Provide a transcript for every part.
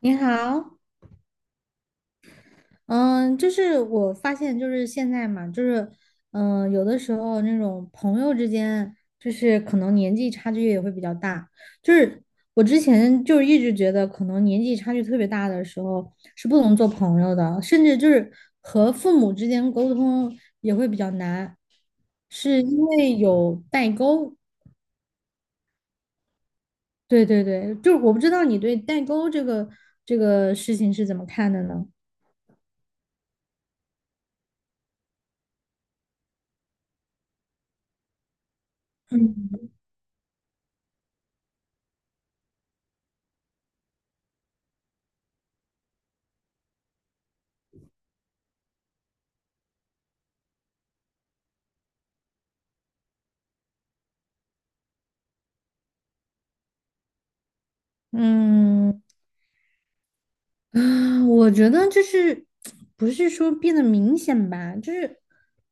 你好。嗯，就是我发现，就是现在嘛，就是，有的时候那种朋友之间，就是可能年纪差距也会比较大。就是我之前就是一直觉得，可能年纪差距特别大的时候是不能做朋友的，甚至就是和父母之间沟通也会比较难，是因为有代沟。对对对，就是我不知道你对代沟这个事情是怎么看的呢？嗯嗯。嗯，我觉得就是不是说变得明显吧，就是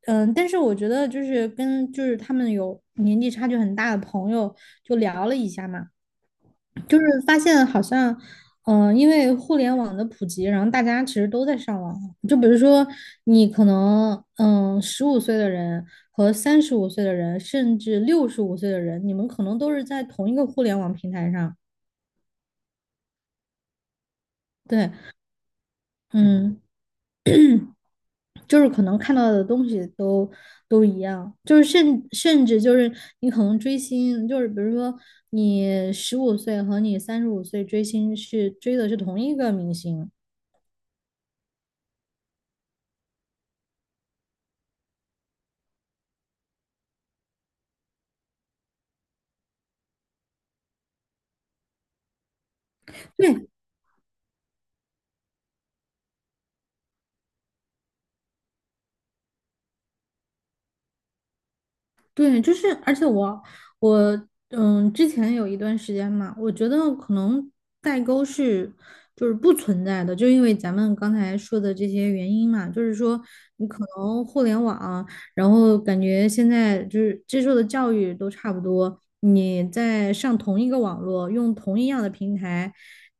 但是我觉得就是跟他们有年纪差距很大的朋友就聊了一下嘛，就是发现好像因为互联网的普及，然后大家其实都在上网，就比如说你可能十五岁的人和三十五岁的人，甚至六十五岁的人，你们可能都是在同一个互联网平台上。对。嗯，就是可能看到的东西都一样，就是甚至就是你可能追星，就是比如说你十五岁和你三十五岁追星是追的是同一个明星。对，对，就是，而且我之前有一段时间嘛，我觉得可能代沟是就是不存在的，就因为咱们刚才说的这些原因嘛，就是说你可能互联网，然后感觉现在就是接受的教育都差不多，你在上同一个网络，用同一样的平台，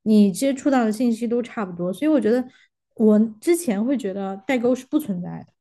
你接触到的信息都差不多，所以我觉得我之前会觉得代沟是不存在的。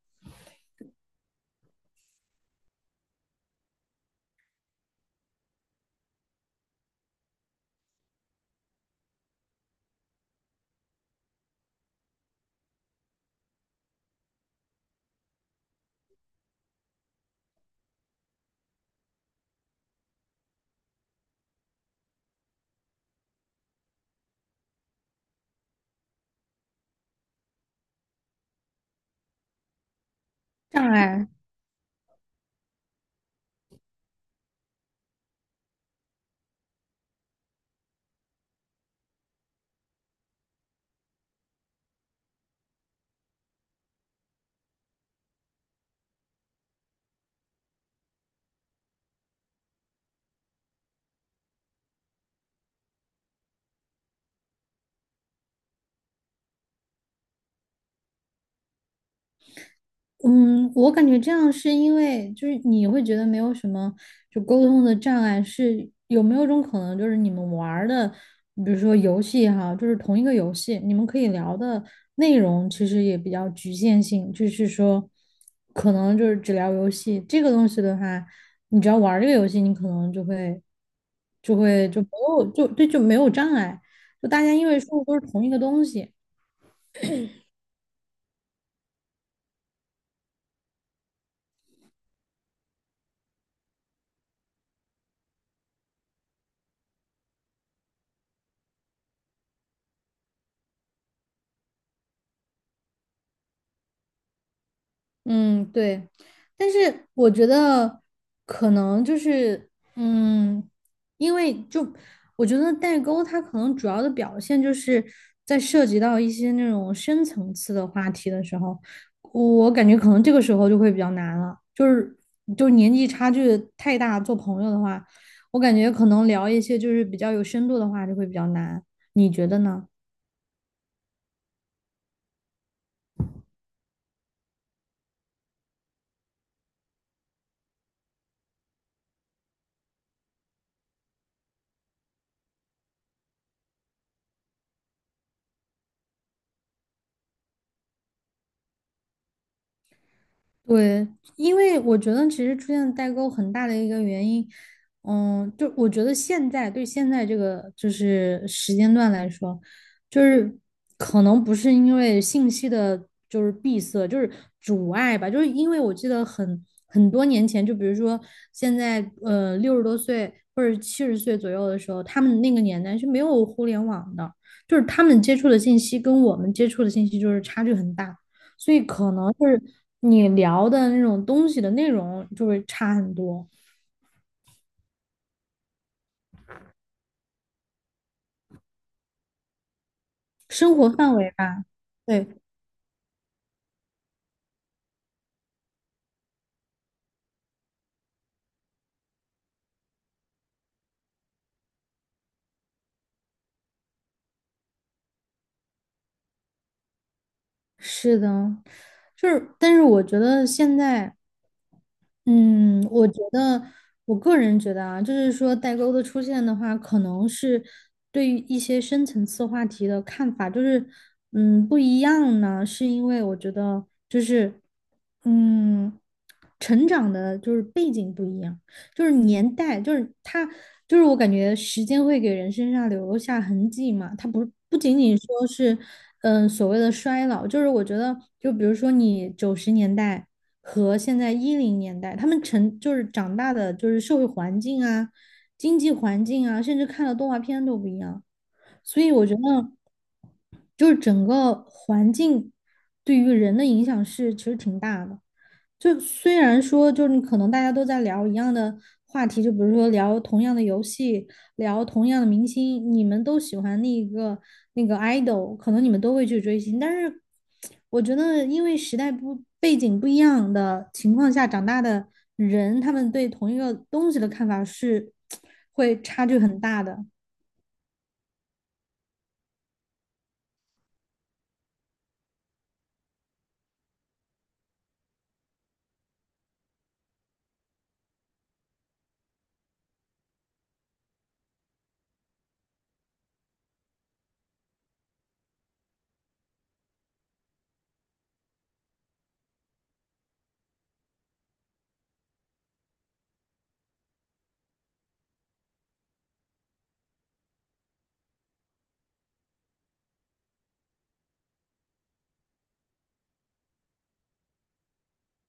障碍。嗯，我感觉这样是因为就是你会觉得没有什么就沟通的障碍，是有没有一种可能就是你们玩儿的，比如说游戏哈，就是同一个游戏，你们可以聊的内容其实也比较局限性，就是说可能就是只聊游戏这个东西的话，你只要玩儿这个游戏，你可能就会就没有就对就没有障碍，就大家因为说的都是同一个东西。嗯，对，但是我觉得可能就是，嗯，因为就我觉得代沟它可能主要的表现就是在涉及到一些那种深层次的话题的时候，我感觉可能这个时候就会比较难了，就是年纪差距太大，做朋友的话，我感觉可能聊一些就是比较有深度的话就会比较难，你觉得呢？对，因为我觉得其实出现代沟很大的一个原因，就我觉得现在对现在这个就是时间段来说，就是可能不是因为信息的就是闭塞，就是阻碍吧，就是因为我记得很多年前，就比如说现在六十多岁或者七十岁左右的时候，他们那个年代是没有互联网的，就是他们接触的信息跟我们接触的信息就是差距很大。所以可能是你聊的那种东西的内容就会差很多。生活范围吧。对，是的，就是，但是我觉得现在嗯，我觉得，我个人觉得啊，就是说代沟的出现的话，可能是对于一些深层次话题的看法，就是不一样呢，是因为我觉得就是嗯成长的就是背景不一样，就是年代，就是它就是我感觉时间会给人身上留下痕迹嘛，它不仅仅说是所谓的衰老，就是我觉得就比如说你九十年代。和现在一零年代，他们成就是长大的，就是社会环境啊、经济环境啊，甚至看的动画片都不一样。所以我觉得就是整个环境对于人的影响是其实挺大的。就虽然说，就是你可能大家都在聊一样的话题，就比如说聊同样的游戏，聊同样的明星，你们都喜欢那个 idol，可能你们都会去追星，但是我觉得，因为时代不背景不一样的情况下长大的人，他们对同一个东西的看法是 会差距很大的。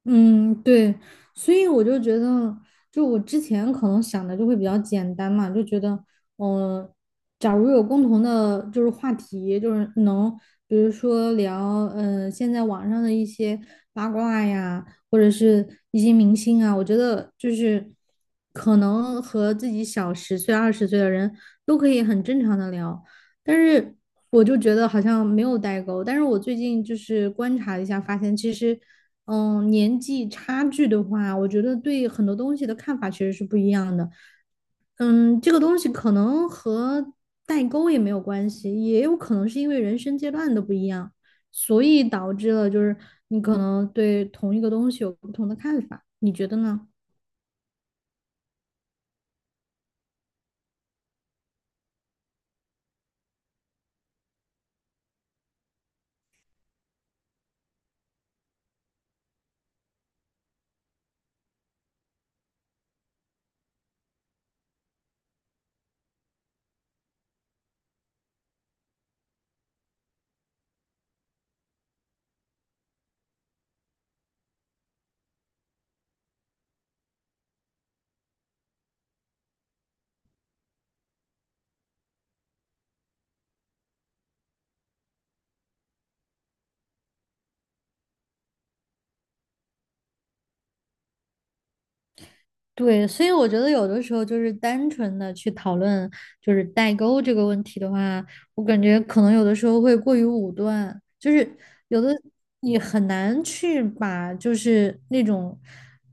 嗯，对，所以我就觉得，就我之前可能想的就会比较简单嘛，就觉得，嗯、假如有共同的，就是话题，就是能，比如说聊，现在网上的一些八卦呀，或者是一些明星啊，我觉得就是可能和自己小十岁、二十岁的人都可以很正常的聊，但是我就觉得好像没有代沟。但是我最近就是观察一下，发现其实。年纪差距的话，我觉得对很多东西的看法其实是不一样的。这个东西可能和代沟也没有关系，也有可能是因为人生阶段的不一样，所以导致了就是你可能对同一个东西有不同的看法。你觉得呢？对，所以我觉得有的时候就是单纯的去讨论就是代沟这个问题的话，我感觉可能有的时候会过于武断，就是有的你很难去把就是那种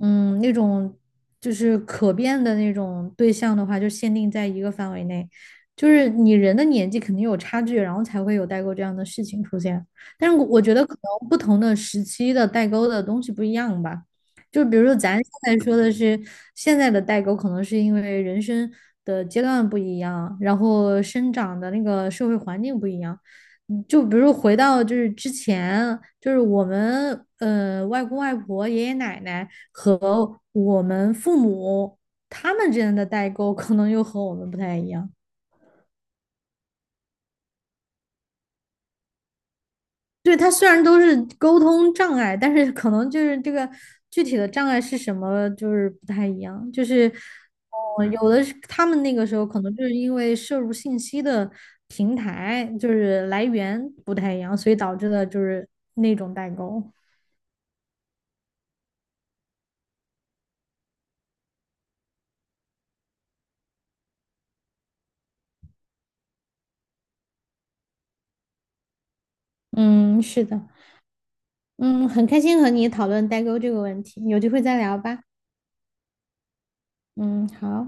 那种就是可变的那种对象的话，就限定在一个范围内，就是你人的年纪肯定有差距，然后才会有代沟这样的事情出现。但是我觉得可能不同的时期的代沟的东西不一样吧。就比如说咱现在说的是现在的代沟，可能是因为人生的阶段不一样，然后生长的那个社会环境不一样。就比如回到就是之前，就是我们外公外婆、爷爷奶奶和我们父母他们之间的代沟，可能又和我们不太一样。对，他虽然都是沟通障碍，但是可能就是这个具体的障碍是什么，就是不太一样。就是，哦，有的是他们那个时候可能就是因为摄入信息的平台就是来源不太一样，所以导致的就是那种代沟。嗯，是的，嗯，很开心和你讨论代沟这个问题，有机会再聊吧。嗯，好。